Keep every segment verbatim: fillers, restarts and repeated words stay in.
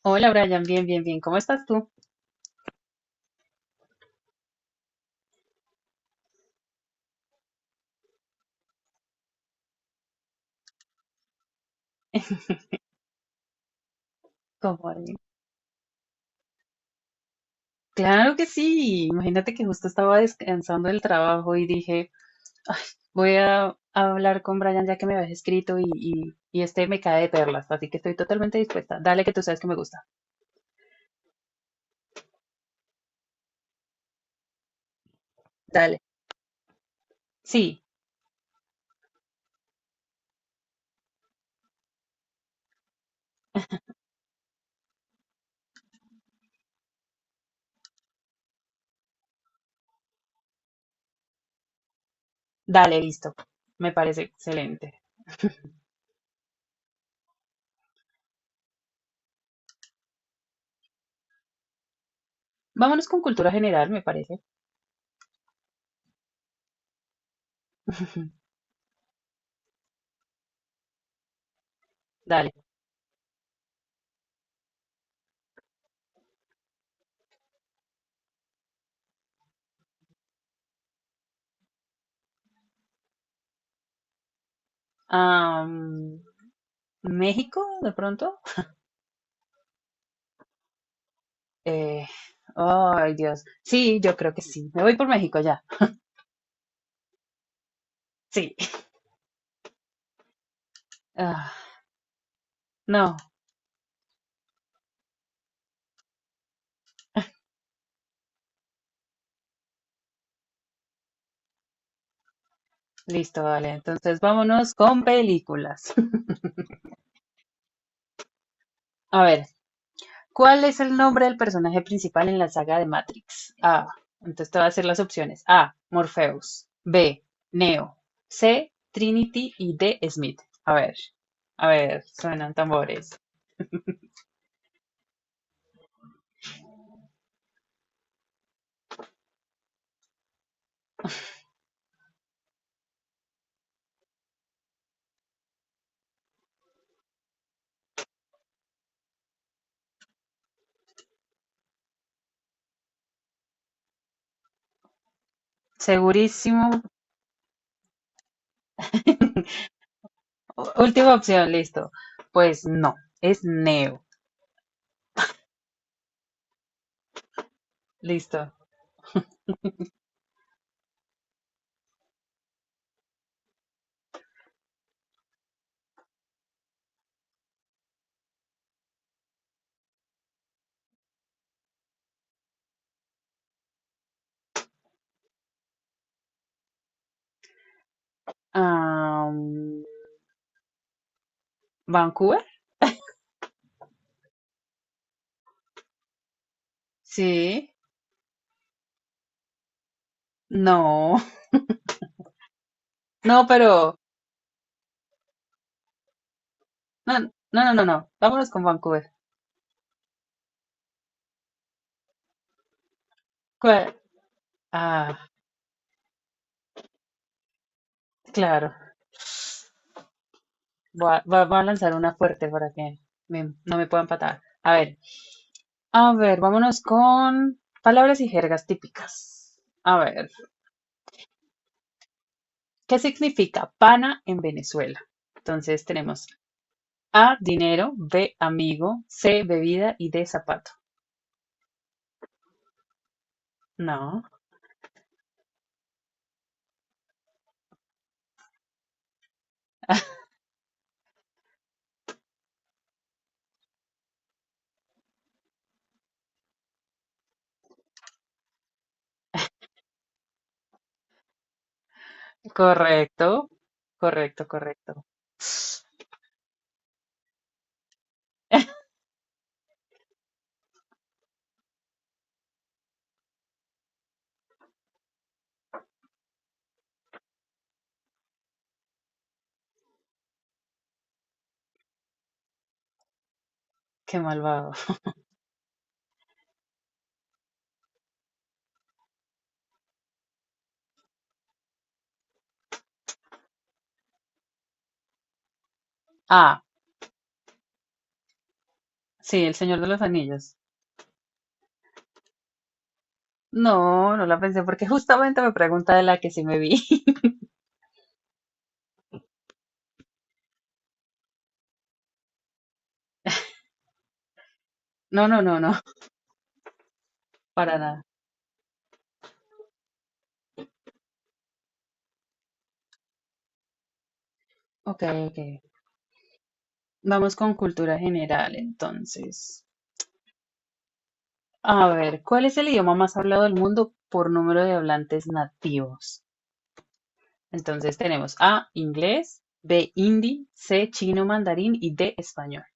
Hola Brian, bien, bien, bien. ¿Cómo estás tú? ¿Cómo ahí? Claro que sí. Imagínate que justo estaba descansando del trabajo y dije, voy a hablar con Brian ya que me habías escrito y, y, y este me cae de perlas, así que estoy totalmente dispuesta. Dale que tú sabes que me gusta. Dale. Sí, dale, listo. Me parece excelente. Vámonos con cultura general, me parece. Dale. Am, ¿México, de pronto? Eh, ay, Dios. Sí, yo creo que sí. Me voy por México ya. Sí. No, listo, vale. Entonces vámonos con películas. A ver, ¿cuál es el nombre del personaje principal en la saga de Matrix? A. Entonces te voy a hacer las opciones. A, Morpheus. B, Neo. C, Trinity y D, Smith. A ver, a ver, suenan tambores. Segurísimo. Última opción, listo. Pues no, es Neo. Listo. Am, ¿Vancouver? Sí. No. No, pero no, no, no, no, no. Vámonos con Vancouver. ¿Cuál? Ah, claro. Voy a, va- va a lanzar una fuerte para que me- no me puedan patar. A ver, a ver, vámonos con palabras y jergas típicas. A ver, ¿qué significa pana en Venezuela? Entonces tenemos A, dinero, B, amigo, C, bebida y D, zapato. No, correcto, correcto, correcto. Qué malvado. A, sí, El Señor de los Anillos. No, no la pensé porque justamente me pregunta de la que sí me vi. No, no, no, no, para nada. Ok, ok. Vamos con cultura general, entonces. A ver, ¿cuál es el idioma más hablado del mundo por número de hablantes nativos? Entonces tenemos A, inglés, B, hindi, C, chino mandarín y D, español.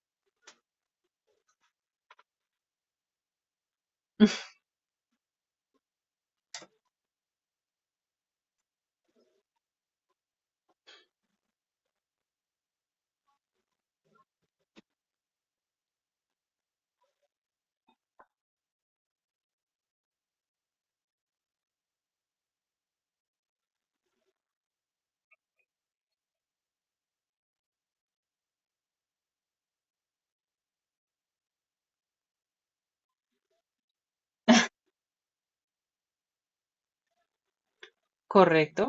Correcto,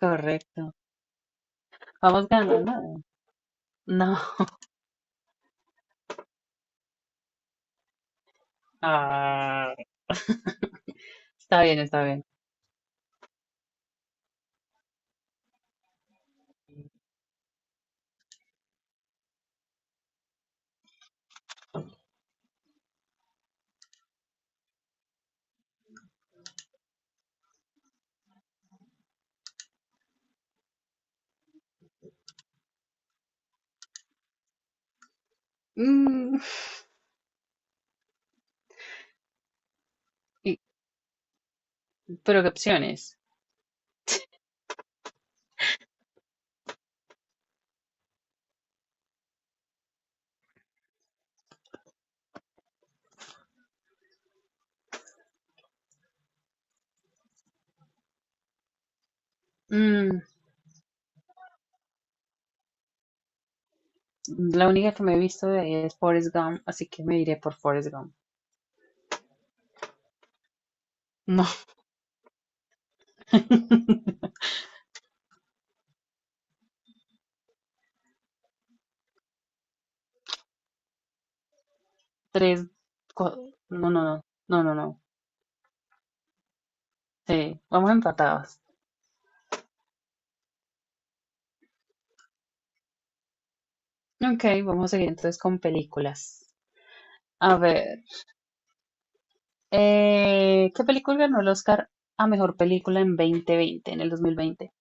correcto. Vamos ganando. No. Ah, está bien, está bien. Mm, y- pero ¿qué opciones? Mm, La única que me he visto de ahí es Forrest Gump, así que me iré por Forrest Gump. No. Tres, cua- No, no, no. No, no, no. Sí, vamos empatados. Ok, vamos a seguir entonces con películas. A ver, eh, ¿qué película ganó el Oscar a mejor película en dos mil veinte, en el dos mil veinte?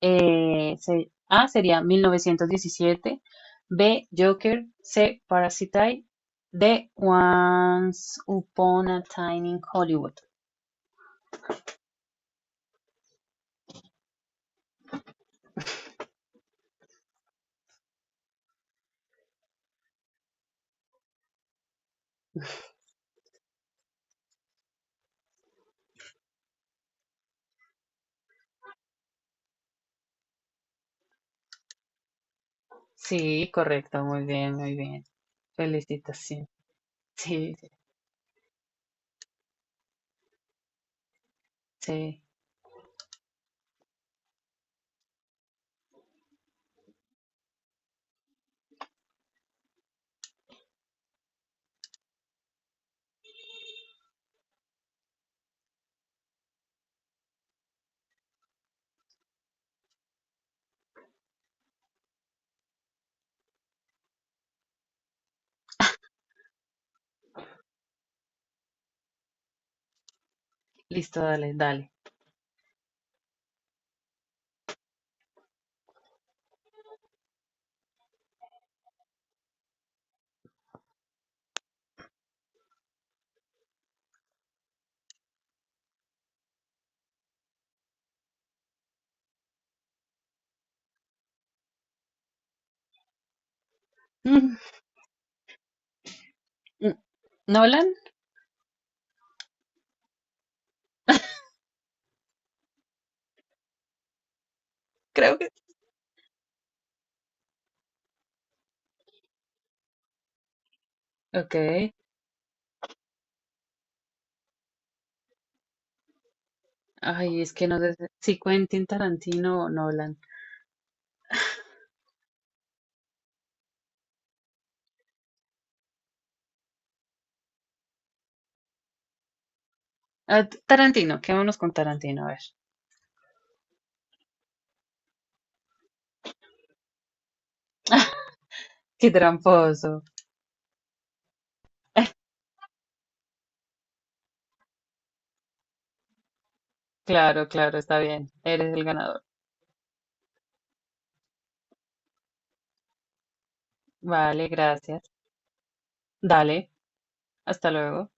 Eh, se- A sería mil novecientos diecisiete, B Joker, C Parasite, D Once Upon a Time in Hollywood. Sí, correcto, muy bien, muy bien. Felicitación. Sí, sí, sí. Listo, dale, dale. Mm, mm, ¿Nolan? Creo que ok. Ay, es que no sé si Quentin Tarantino o Nolan. Ah, T- Tarantino, quedémonos con Tarantino, a ver. Qué tramposo. Claro, claro, está bien. Eres el ganador. Vale, gracias. Dale, hasta luego.